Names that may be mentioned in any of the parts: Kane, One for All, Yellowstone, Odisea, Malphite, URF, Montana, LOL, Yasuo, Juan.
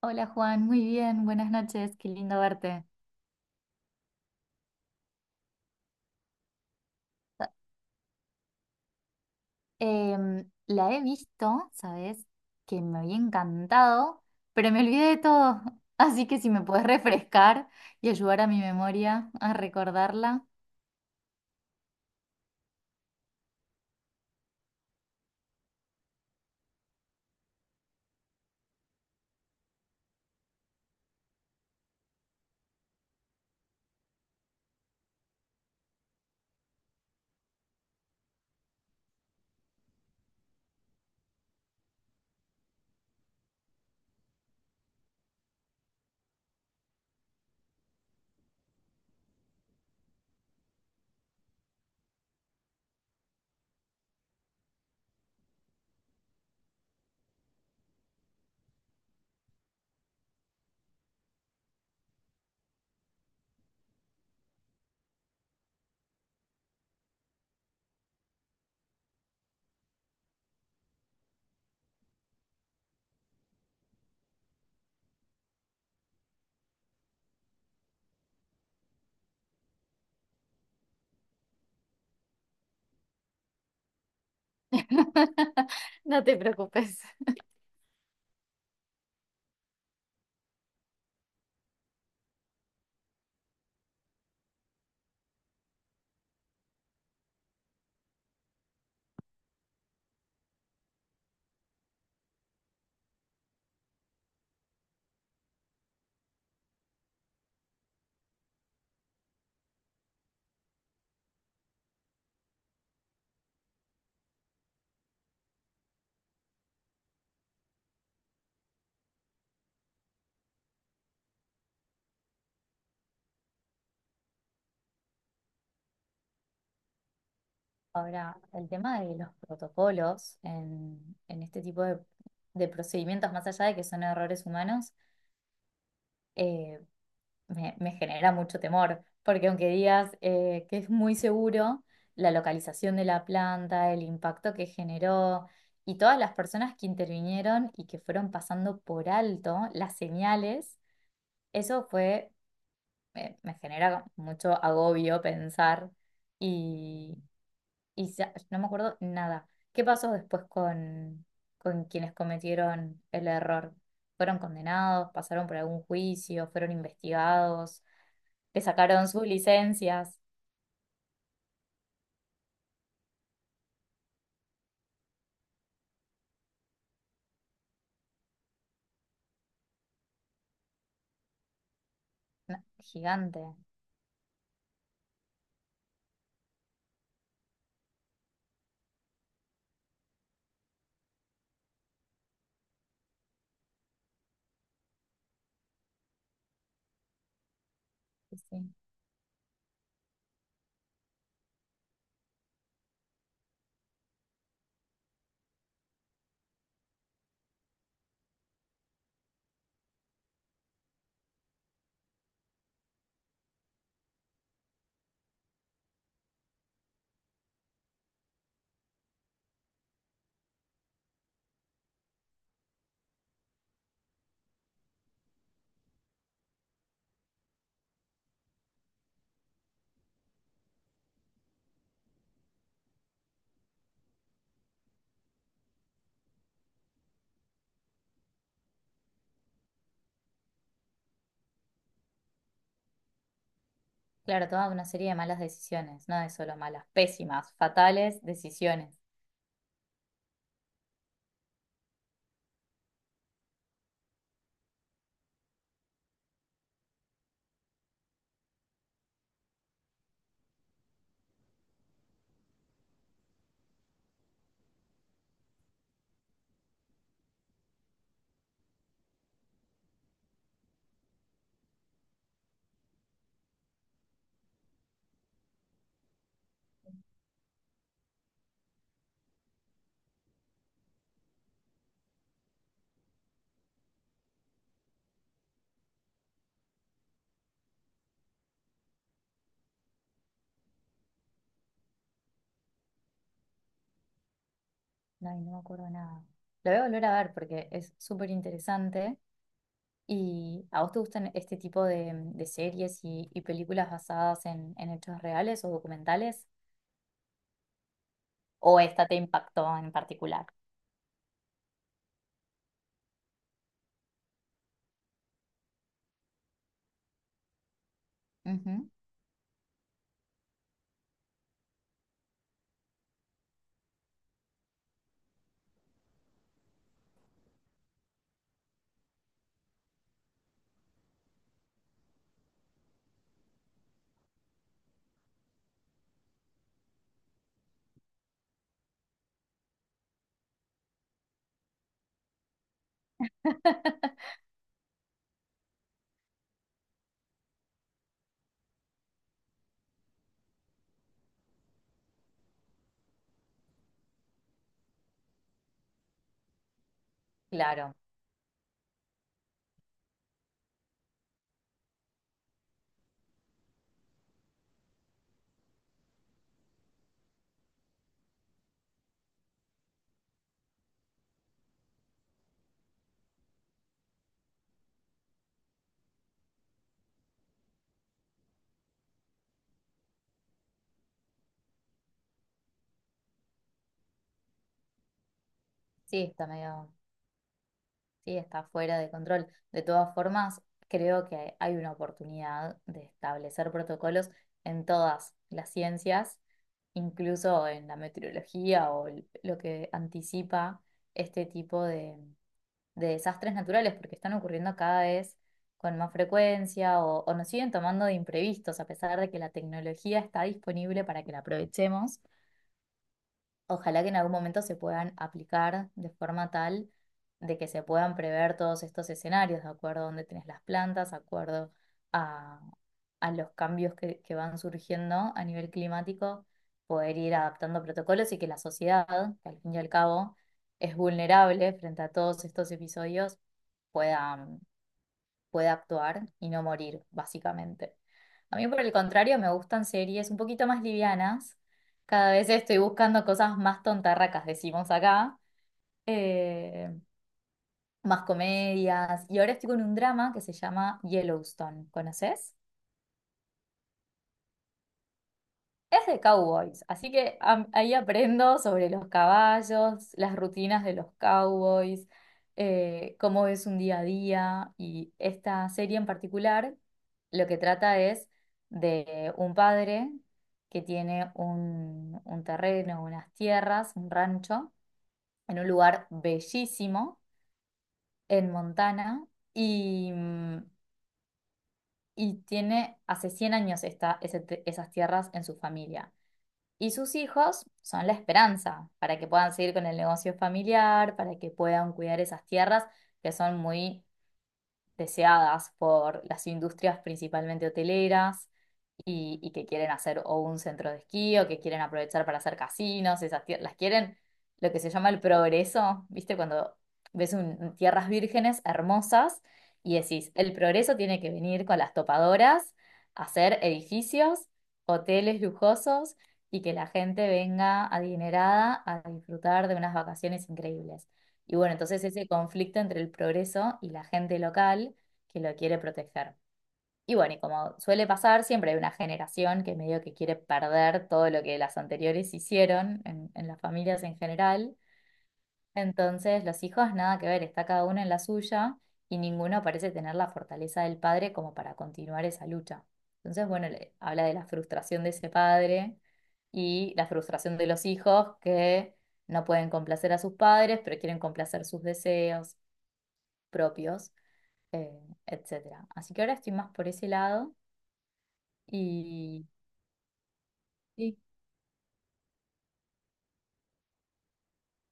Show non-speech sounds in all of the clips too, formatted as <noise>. Hola Juan, muy bien, buenas noches, qué lindo verte. La he visto, ¿sabes? Que me había encantado, pero me olvidé de todo. <laughs> Así que si me puedes refrescar y ayudar a mi memoria a recordarla, <laughs> no te preocupes. Ahora, el tema de los protocolos en este tipo de procedimientos, más allá de que son errores humanos, me genera mucho temor, porque aunque digas que es muy seguro, la localización de la planta, el impacto que generó y todas las personas que intervinieron y que fueron pasando por alto las señales, eso fue, me genera mucho agobio pensar y, y no me acuerdo nada. ¿Qué pasó después con quienes cometieron el error? ¿Fueron condenados? ¿Pasaron por algún juicio? ¿Fueron investigados? Le sacaron sus licencias. No, gigante. Sí, sí. Claro, toda una serie de malas decisiones, no de solo malas, pésimas, fatales decisiones. Ay, no me acuerdo nada. Lo voy a volver a ver porque es súper interesante. ¿Y a vos te gustan este tipo de series y películas basadas en hechos reales o documentales? ¿O esta te impactó en particular? Ujú. Claro, sí, está medio. Sí, está fuera de control. De todas formas, creo que hay una oportunidad de establecer protocolos en todas las ciencias, incluso en la meteorología o lo que anticipa este tipo de desastres naturales, porque están ocurriendo cada vez con más frecuencia o nos siguen tomando de imprevistos, a pesar de que la tecnología está disponible para que la aprovechemos. Ojalá que en algún momento se puedan aplicar de forma tal de que se puedan prever todos estos escenarios, de acuerdo a dónde tenés las plantas, de acuerdo a, a los cambios que van surgiendo a nivel climático, poder ir adaptando protocolos y que la sociedad, que al fin y al cabo es vulnerable frente a todos estos episodios, pueda pueda actuar y no morir, básicamente. A mí, por el contrario, me gustan series un poquito más livianas. Cada vez estoy buscando cosas más tontarracas, decimos acá, eh, más comedias. Y ahora estoy con un drama que se llama Yellowstone. ¿Conoces? Es de cowboys, así que ahí aprendo sobre los caballos, las rutinas de los cowboys, cómo es un día a día y esta serie en particular lo que trata es de un padre que tiene un terreno, unas tierras, un rancho en un lugar bellísimo en Montana y y tiene hace 100 años está ese esas tierras en su familia. Y sus hijos son la esperanza para que puedan seguir con el negocio familiar, para que puedan cuidar esas tierras que son muy deseadas por las industrias principalmente hoteleras y que quieren hacer o un centro de esquí o que quieren aprovechar para hacer casinos, esas las quieren lo que se llama el progreso, ¿viste? Cuando ves tierras vírgenes hermosas y decís, el progreso tiene que venir con las topadoras, hacer edificios, hoteles lujosos y que la gente venga adinerada a disfrutar de unas vacaciones increíbles. Y bueno, entonces ese conflicto entre el progreso y la gente local que lo quiere proteger. Y bueno, y como suele pasar, siempre hay una generación que medio que quiere perder todo lo que las anteriores hicieron en las familias en general. Entonces, los hijos nada que ver, está cada uno en la suya y ninguno parece tener la fortaleza del padre como para continuar esa lucha. Entonces, bueno, habla de la frustración de ese padre y la frustración de los hijos que no pueden complacer a sus padres, pero quieren complacer sus deseos propios, eh, etcétera. Así que ahora estoy más por ese lado y y,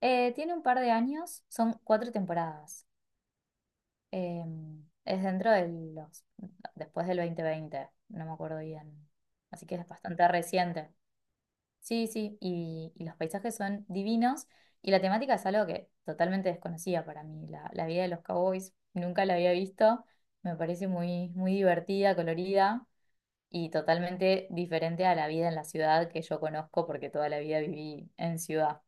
eh, tiene un par de años, son 4 temporadas. Eh, es dentro de los, después del 2020 no me acuerdo bien. Así que es bastante reciente. Sí, sí, y los paisajes son divinos y la temática es algo que totalmente desconocía para mí. La vida de los cowboys nunca la había visto. Me parece muy, muy divertida, colorida y totalmente diferente a la vida en la ciudad que yo conozco porque toda la vida viví en ciudad.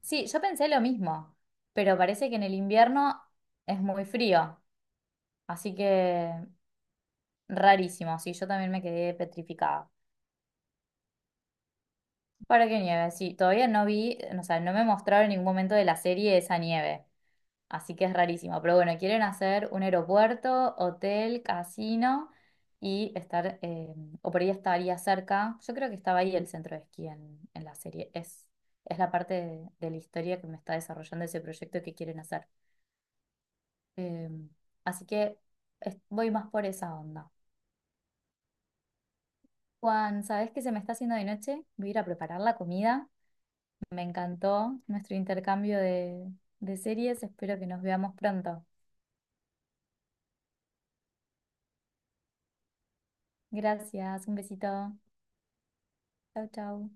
Sí, yo pensé lo mismo, pero parece que en el invierno es muy frío. Así que rarísimo, sí, yo también me quedé petrificada. ¿Para qué nieve? Sí, todavía no vi, o sea, no me mostraron en ningún momento de la serie esa nieve, así que es rarísimo. Pero bueno, quieren hacer un aeropuerto, hotel, casino y estar, o por ahí estaría cerca, yo creo que estaba ahí el centro de esquí en la serie, es la parte de la historia que me está desarrollando ese proyecto que quieren hacer. Eh, Así que voy más por esa onda. Juan, ¿sabes qué se me está haciendo de noche? Voy a ir a preparar la comida. Me encantó nuestro intercambio de series. Espero que nos veamos pronto. Gracias, un besito. Chau, chau.